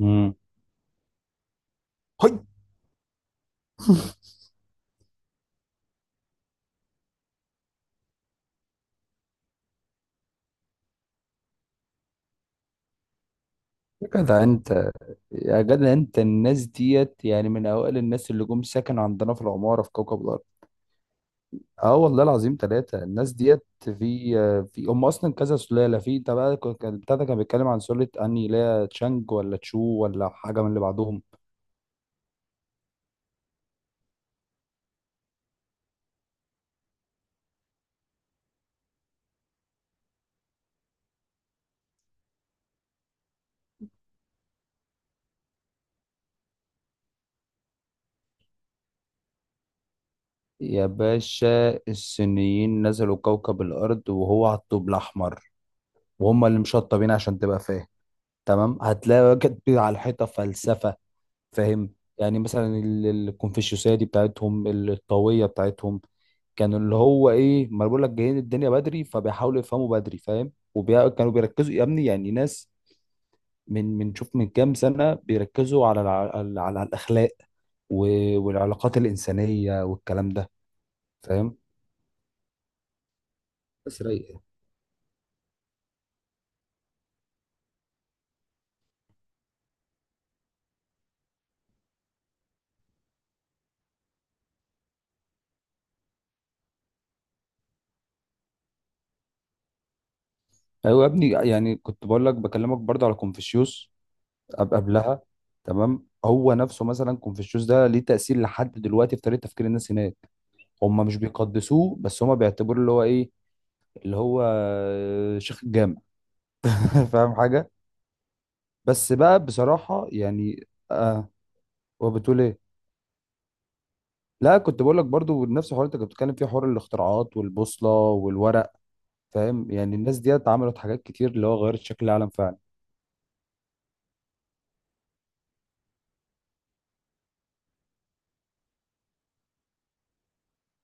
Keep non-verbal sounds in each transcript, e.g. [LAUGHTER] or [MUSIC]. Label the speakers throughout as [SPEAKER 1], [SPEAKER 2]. [SPEAKER 1] امم. هاي. يا جدع انت يا جدع انت، الناس ديت يعني من اوائل الناس اللي جم سكنوا عندنا في العماره، في كوكب الارض. اه والله العظيم، ثلاثه الناس ديت في هم اصلا كذا سلاله. في انت بقى، بتاع ده كان بيتكلم عن سلاله، اني لا تشانج ولا تشو ولا حاجه من اللي بعدهم. يا باشا، الصينيين نزلوا كوكب الارض وهو على الطوب الاحمر، وهم اللي مشطبين عشان تبقى فاهم. تمام، هتلاقي واجد على الحيطه فلسفه. فاهم؟ يعني مثلا الكونفوشيوسية دي بتاعتهم، الطاوية بتاعتهم. كان اللي هو ايه، ما أنا بقول لك جايين الدنيا بدري، فبيحاولوا يفهموا بدري. فاهم؟ وكانوا بيركزوا يا ابني، يعني ناس من من شوف، من كام سنة بيركزوا على الأخلاق والعلاقات الإنسانية والكلام ده. فاهم؟ بس رايقة. أيوة يا ابني، يعني كنت بقول لك بكلمك برضه على كونفوشيوس قبلها. تمام، هو نفسه مثلا كونفوشيوس ده ليه تأثير لحد دلوقتي في طريقة تفكير الناس هناك. هم مش بيقدسوه، بس هم بيعتبروه اللي هو ايه، اللي هو شيخ الجامع. [LAUGHS] فاهم حاجه؟ بس بقى بصراحه، وبتقول ايه؟ لا، كنت بقول لك برضو نفس الحوار اللي انت كنت بتتكلم فيه، حوار الاختراعات والبوصله والورق. فاهم؟ يعني الناس ديت عملت حاجات كتير اللي هو غيرت شكل العالم فعلا.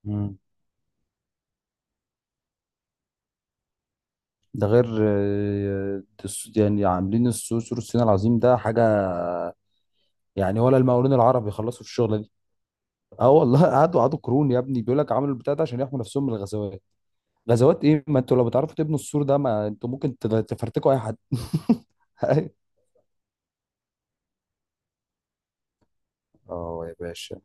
[SPEAKER 1] مم. ده غير يعني عاملين السور، سور الصين العظيم ده حاجه، يعني ولا المقاولون العرب يخلصوا في الشغله دي. اه والله، قعدوا قعدوا قرون يا ابني، بيقول لك عملوا البتاع ده عشان يحموا نفسهم من الغزوات. غزوات ايه؟ ما انتوا لو بتعرفوا تبنوا السور ده، ما انتوا ممكن تفرتكوا اي حد. [LAUGHS] اه يا باشا.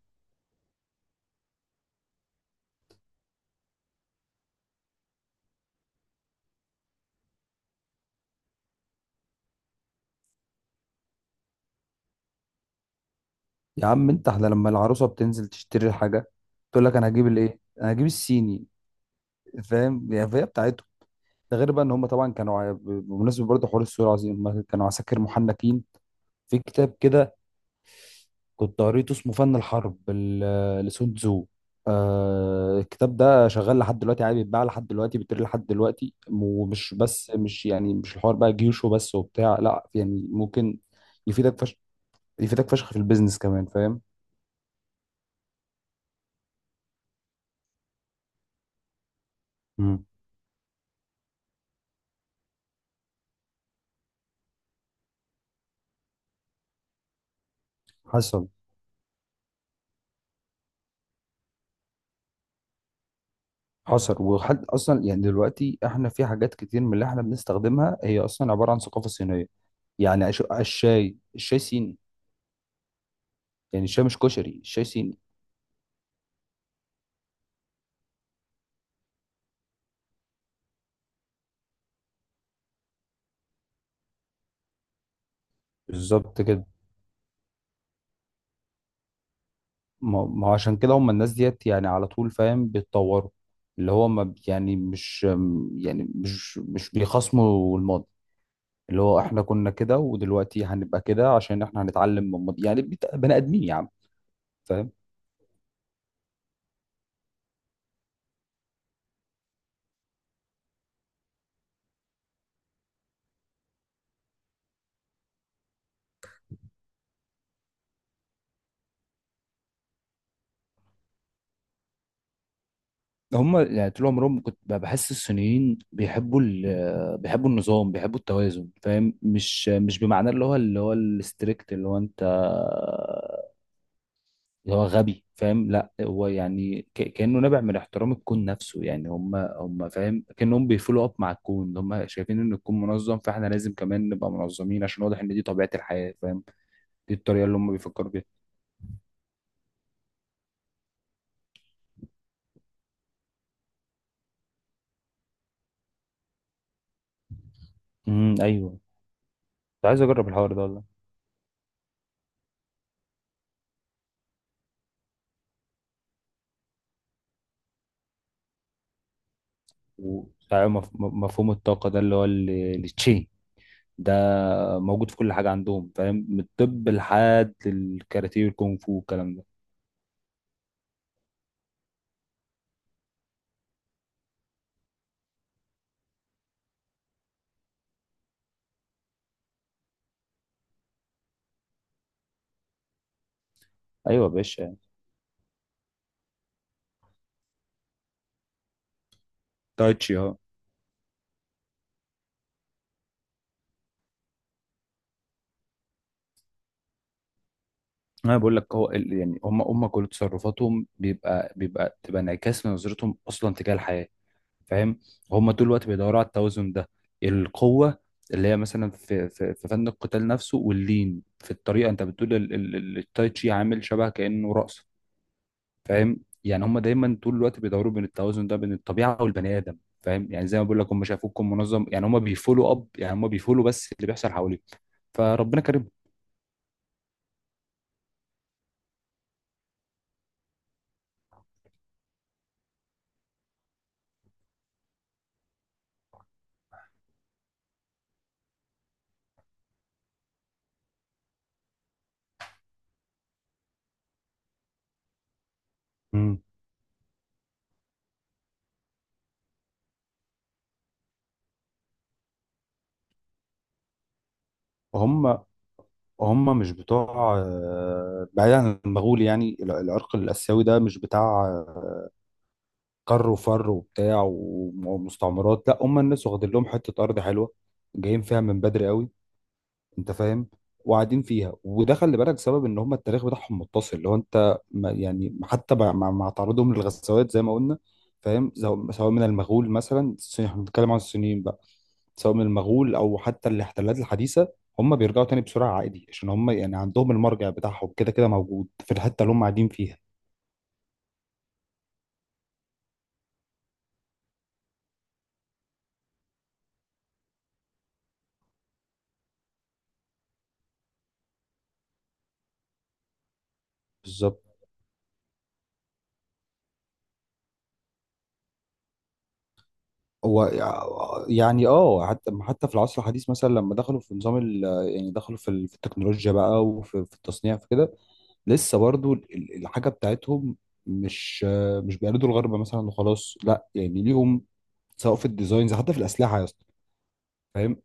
[SPEAKER 1] يا عم انت، احنا لما العروسه بتنزل تشتري الحاجه، تقول لك انا هجيب الايه، انا هجيب الصيني. فاهم؟ يعني فهي بتاعتهم. ده غير بقى ان هم طبعا كانوا بمناسبه برضه حوار السور العظيم، هم كانوا عساكر محنكين. في كتاب كده كنت قريته، اسمه فن الحرب لسون تزو. آه، الكتاب ده شغال لحد دلوقتي عادي، بيتباع لحد دلوقتي، بيتقري لحد دلوقتي، ومش بس، مش يعني مش الحوار بقى جيوش وبس وبتاع، لا، يعني ممكن يفيدك فشخ، يفيدك فشخ في البيزنس كمان. فاهم؟ مم. حصل. حصل وحد، اصلا يعني دلوقتي احنا في حاجات كتير من اللي احنا بنستخدمها هي اصلا عباره عن ثقافه صينيه. يعني الشاي، الشاي صيني. يعني الشاي مش كشري، الشاي صيني. بالظبط كده. ما هو عشان كده، هم الناس ديت يعني على طول، فاهم، بيتطوروا. اللي هو ما بي- يعني مش بيخصموا الماضي. اللي هو احنا كنا كده ودلوقتي هنبقى كده، عشان احنا هنتعلم من الماضي. يعني بني ادمين يا عم. فاهم؟ هم يعني طول عمرهم، كنت بحس الصينيين بيحبوا النظام، بيحبوا التوازن. فاهم؟ مش بمعنى اللي هو الستريكت، اللي هو انت اللي هو غبي. فاهم؟ لا هو يعني كأنه نابع من احترام الكون نفسه. يعني هم فاهم، كأنهم بيفولو اب مع الكون، اللي هم شايفين ان الكون منظم، فاحنا لازم كمان نبقى منظمين، عشان واضح ان دي طبيعة الحياة. فاهم؟ دي الطريقة اللي هم بيفكروا بيها. امم، ايوه، كنت عايز اجرب الحوار ده والله. وبتاع مفهوم الطاقة ده، اللي هو التشي ده، موجود في كل حاجة عندهم. فاهم؟ من الطب لحد الكاراتيه والكونغ فو والكلام ده. ايوه يا باشا. تايتشي، اه. انا بقول لك، هو يعني هم كل تصرفاتهم بيبقى بيبقى تبقى انعكاس لنظرتهم اصلا تجاه الحياه. فاهم؟ هم طول الوقت بيدوروا على التوازن ده. القوه اللي هي مثلا في فن القتال نفسه، واللين في الطريقه، انت بتقول التاي تشي عامل شبه كانه رقص. فاهم؟ يعني هم دايما طول الوقت بيدوروا بين التوازن ده، بين الطبيعه والبني ادم. فاهم؟ يعني زي ما بقول لك، هم شافوكم منظم، يعني هم بيفولوا اب، يعني هم بيفولوا بس اللي بيحصل حواليهم. فربنا كرمهم. مم. وهم هم مش بتوع بعيد عن المغول. يعني العرق الآسيوي ده مش بتاع آه، كر وفر وبتاع ومستعمرات. لا، هم الناس واخدين لهم حتة أرض حلوة، جايين فيها من بدري قوي. انت فاهم؟ وقاعدين فيها. وده خلي بالك سبب ان هم التاريخ بتاعهم متصل، اللي هو انت ما يعني حتى مع تعرضهم للغزوات زي ما قلنا. فاهم؟ سواء من المغول مثلا، احنا بنتكلم عن الصينيين بقى، سواء من المغول او حتى الاحتلالات الحديثه، هم بيرجعوا تاني بسرعه عادي، عشان هم يعني عندهم المرجع بتاعهم كده كده موجود في الحته اللي هم قاعدين فيها. بالظبط. هو يعني اه، حتى في العصر الحديث، مثلا لما دخلوا في نظام يعني دخلوا في التكنولوجيا بقى، وفي التصنيع، في كده، لسه برضو الحاجه بتاعتهم مش مش بيقلدوا الغرب مثلا وخلاص، لا، يعني ليهم، سواء في الديزاينز، حتى في الاسلحه يا اسطى. فاهم؟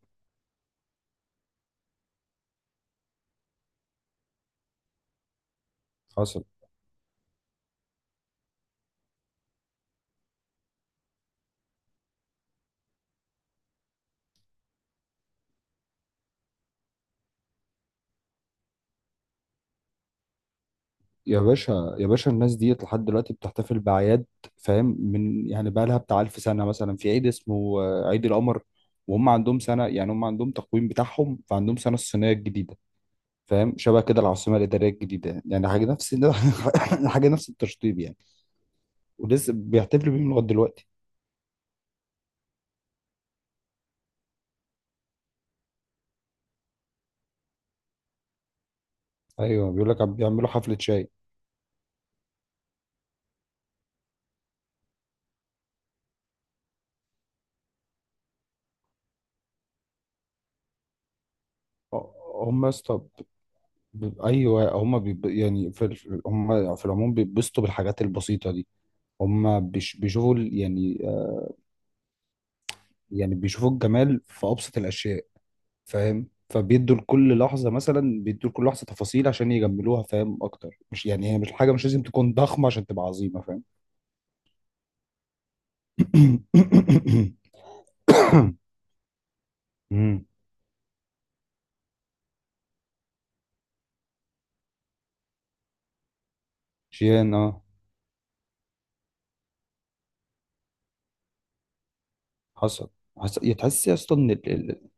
[SPEAKER 1] حصل. يا باشا يا باشا، الناس ديت لحد دلوقتي بتحتفل بأعياد، فاهم، من يعني بقى لها بتاع 1000 سنه، مثلا في عيد اسمه عيد القمر. وهم عندهم سنه، يعني هم عندهم تقويم بتاعهم، فعندهم سنه الصينيه الجديده. فاهم؟ شبه كده العاصمه الاداريه الجديده، يعني حاجه نفس [LAUGHS] حاجه نفس التشطيب يعني. ولسه بيحتفلوا بيهم لغايه دلوقتي. ايوه، بيقول لك بيعملوا حفله شاي. هم يا اسطى، ايوه هم يعني هم في العموم بيتبسطوا بالحاجات البسيطه دي. هم بيشوفوا يعني يعني بيشوفوا الجمال في ابسط الاشياء. فاهم؟ فبيدوا لكل لحظه، مثلا بيدوا لكل لحظه تفاصيل عشان يجملوها، فاهم اكتر؟ مش يعني هي مش حاجه، مش لازم تكون ضخمه عشان تبقى عظيمه. فاهم؟ [COUGHS] أمم. شيان، اه. حصل. حصل. يا تحس يا اسطى ان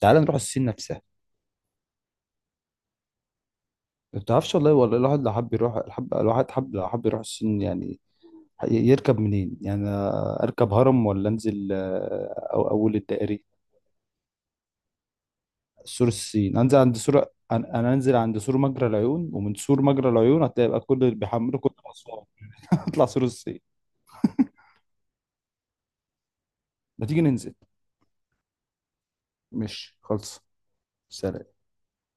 [SPEAKER 1] تعال نروح الصين نفسها. ما بتعرفش والله، ولا الواحد لو حب يروح الحب، الواحد حب لو حب يروح الصين، يعني يركب منين؟ يعني أنا اركب هرم، ولا انزل او اول الدائري؟ سور الصين، انزل عند سور انا انزل عند سور مجرى العيون، ومن سور مجرى العيون هتلاقي بقى كل اللي بيحملوا كل اسوان. [LAUGHS] اطلع سور الصين. ما تيجي ننزل. مش خلص. سلام.